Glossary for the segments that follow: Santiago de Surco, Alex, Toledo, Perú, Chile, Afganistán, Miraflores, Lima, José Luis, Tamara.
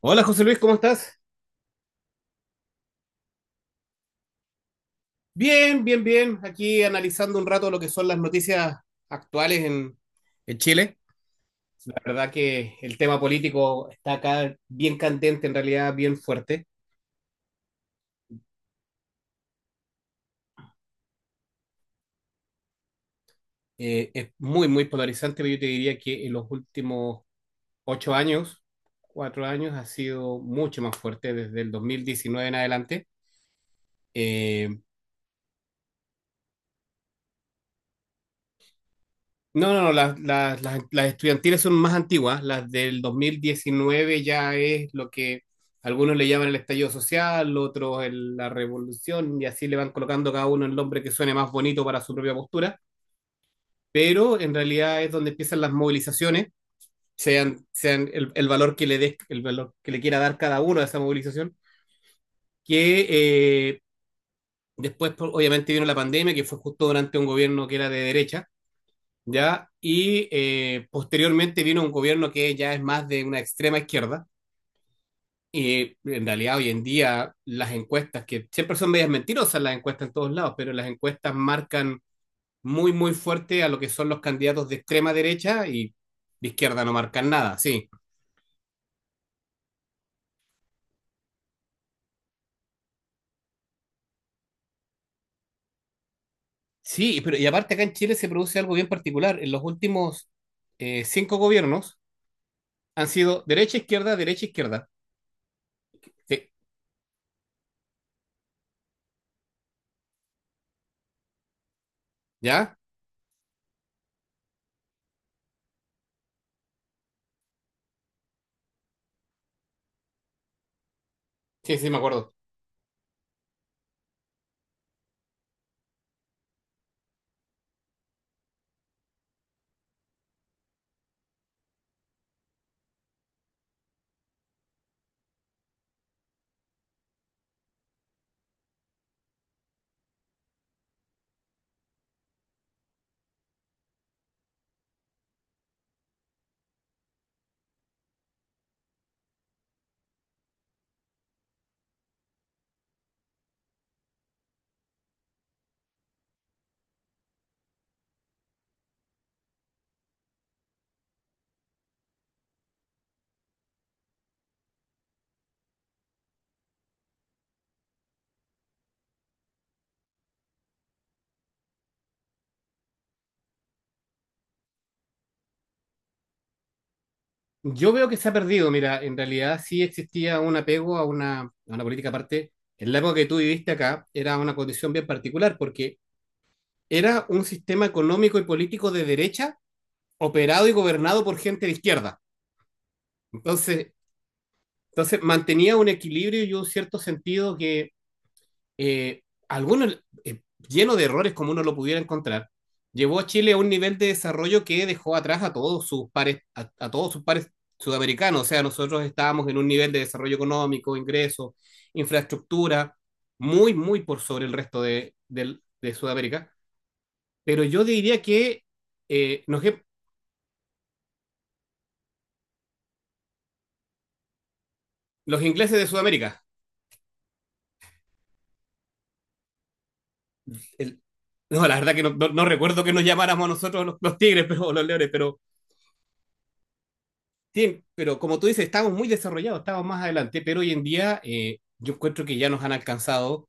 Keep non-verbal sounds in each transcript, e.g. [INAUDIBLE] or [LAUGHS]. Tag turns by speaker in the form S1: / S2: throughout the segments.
S1: Hola José Luis, ¿cómo estás? Bien, bien, bien. Aquí analizando un rato lo que son las noticias actuales en Chile. La verdad que el tema político está acá bien candente, en realidad bien fuerte. Es muy, muy polarizante, pero yo te diría que en los últimos 8 años, 4 años, ha sido mucho más fuerte desde el 2019 en adelante. Eh, No, no, no, las estudiantiles son más antiguas. Las del 2019 ya es lo que algunos le llaman el estallido social, otros la revolución, y así le van colocando cada uno el nombre que suene más bonito para su propia postura, pero en realidad es donde empiezan las movilizaciones, sean el valor que le des, el valor que le quiera dar cada uno a esa movilización, que después pues, obviamente vino la pandemia, que fue justo durante un gobierno que era de derecha, ¿ya? Y posteriormente vino un gobierno que ya es más de una extrema izquierda. Y en realidad hoy en día las encuestas, que siempre son medias mentirosas las encuestas en todos lados, pero las encuestas marcan muy, muy fuerte a lo que son los candidatos de extrema derecha y de izquierda no marcan nada, sí. Sí, pero y aparte acá en Chile se produce algo bien particular. En los últimos cinco gobiernos han sido derecha, izquierda, derecha, izquierda. Sí, ¿ya? Sí, sí, me acuerdo. Yo veo que se ha perdido, mira, en realidad sí existía un apego a una política aparte. En la época que tú viviste acá era una condición bien particular porque era un sistema económico y político de derecha operado y gobernado por gente de izquierda. Entonces, entonces, mantenía un equilibrio y un cierto sentido que eh, algunos eh, lleno de errores como uno lo pudiera encontrar, llevó a Chile a un nivel de desarrollo que dejó atrás a todos sus pares, a todos sus pares sudamericanos. O sea, nosotros estábamos en un nivel de desarrollo económico, ingresos, infraestructura, muy, muy por sobre el resto de Sudamérica. Pero yo diría que eh, nos, los ingleses de Sudamérica. el, no, la verdad que no, no, no, recuerdo que nos llamáramos a nosotros los tigres [LAUGHS] pero, o los leones, pero pero como tú dices, estamos muy desarrollados, estamos más adelante, pero hoy en día yo encuentro que ya nos han alcanzado.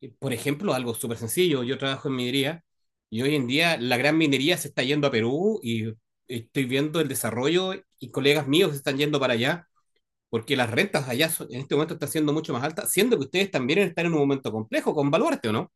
S1: Por ejemplo, algo súper sencillo, yo trabajo en minería y hoy en día la gran minería se está yendo a Perú y estoy viendo el desarrollo y colegas míos se están yendo para allá porque las rentas allá en este momento están siendo mucho más altas, siendo que ustedes también están en un momento complejo con Baluarte, ¿o no?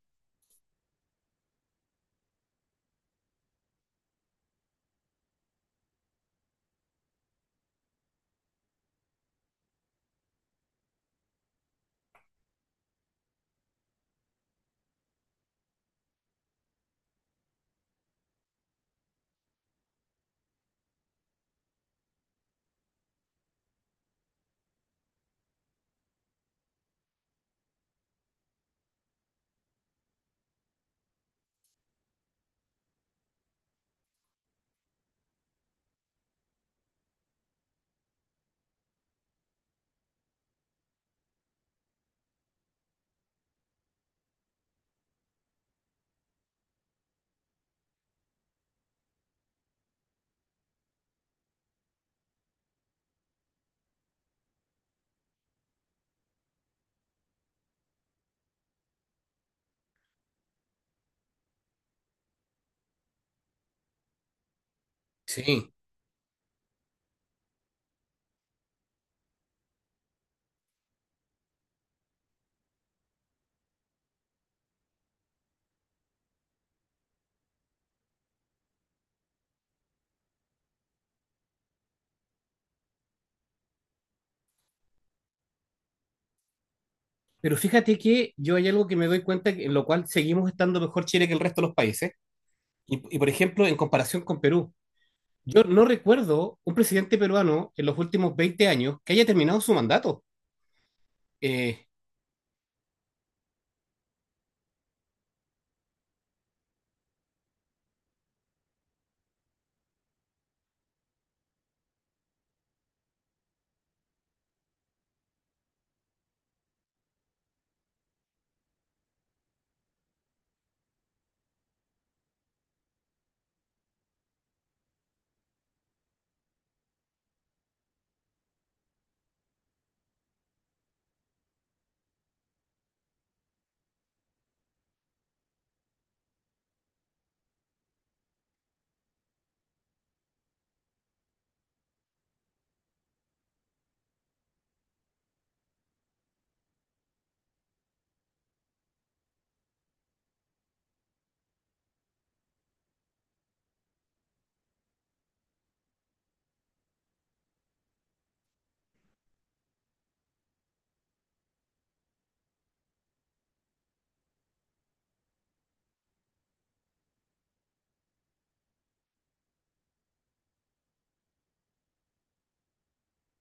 S1: Sí. Pero fíjate que yo hay algo que me doy cuenta en lo cual seguimos estando mejor Chile que el resto de los países. Por ejemplo, en comparación con Perú, yo no recuerdo un presidente peruano en los últimos 20 años que haya terminado su mandato. Eh,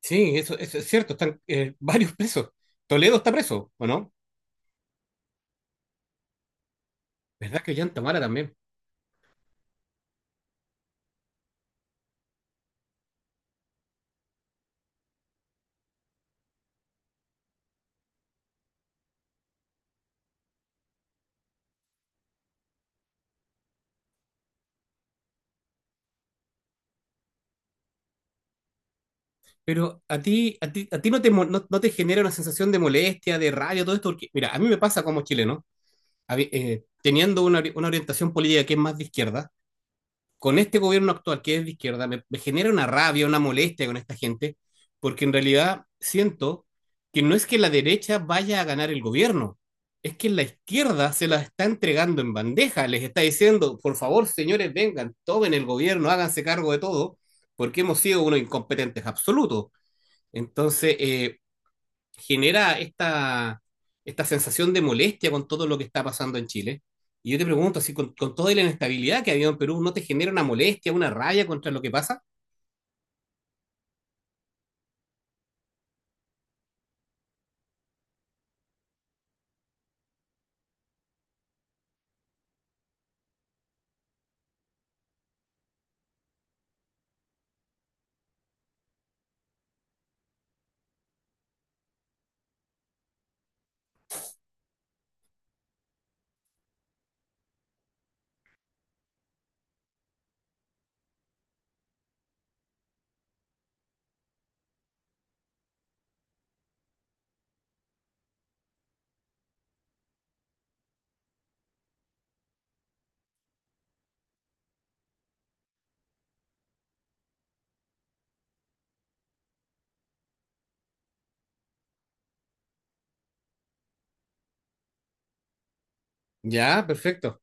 S1: sí, eso es cierto, están [LAUGHS] varios presos. Toledo está preso, ¿o no? ¿Verdad que Tamara también? Pero a ti no te genera una sensación de molestia, de rabia, todo esto, porque mira, a mí me pasa como chileno, teniendo una orientación política que es más de izquierda, con este gobierno actual, que es de izquierda, me genera una rabia, una molestia con esta gente, porque en realidad siento que no es que la derecha vaya a ganar el gobierno, es que la izquierda se la está entregando en bandeja, les está diciendo, por favor, señores, vengan, tomen el gobierno, háganse cargo de todo, porque hemos sido unos incompetentes absolutos. Entonces, genera esta sensación de molestia con todo lo que está pasando en Chile. Y yo te pregunto, así con toda la inestabilidad que ha habido en Perú, ¿no te genera una molestia, una rabia contra lo que pasa? Ya, perfecto.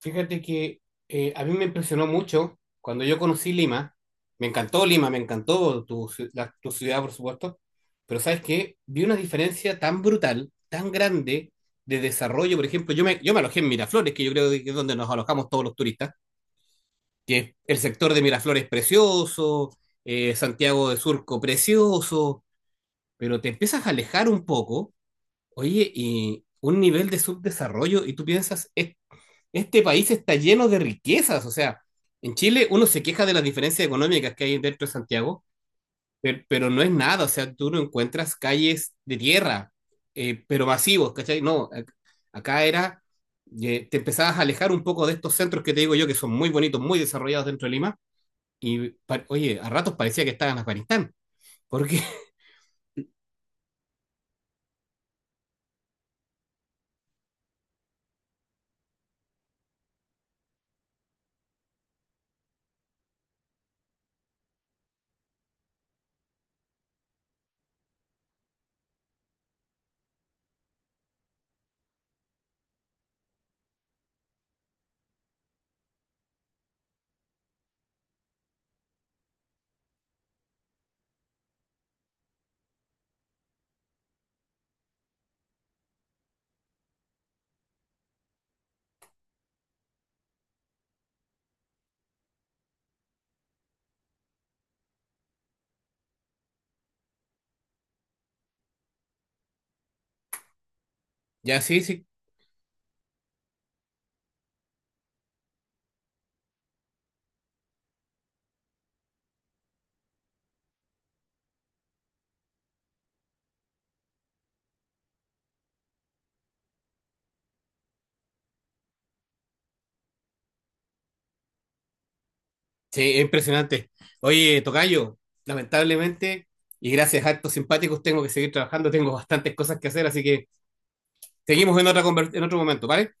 S1: Fíjate que a mí me impresionó mucho cuando yo conocí Lima. Me encantó Lima, me encantó tu ciudad, por supuesto. Pero ¿sabes qué? Vi una diferencia tan brutal, tan grande de desarrollo. Por ejemplo, yo me alojé en Miraflores, que yo creo que es donde nos alojamos todos los turistas que el sector de Miraflores precioso, Santiago de Surco precioso, pero te empiezas a alejar un poco, oye, y un nivel de subdesarrollo, y tú piensas, este país está lleno de riquezas, o sea, en Chile uno se queja de las diferencias económicas que hay dentro de Santiago, pero, no es nada, o sea, tú no encuentras calles de tierra, pero masivos, ¿cachai? No, acá era, te empezabas a alejar un poco de estos centros que te digo yo, que son muy bonitos, muy desarrollados dentro de Lima y oye, a ratos parecía que estaba en Afganistán. Porque [LAUGHS] ya sí, sí, sí, es impresionante. Oye, Tocayo, lamentablemente, y gracias a actos simpáticos, tengo que seguir trabajando, tengo bastantes cosas que hacer, así que seguimos en otra en otro momento, ¿vale?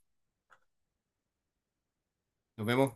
S1: Nos vemos.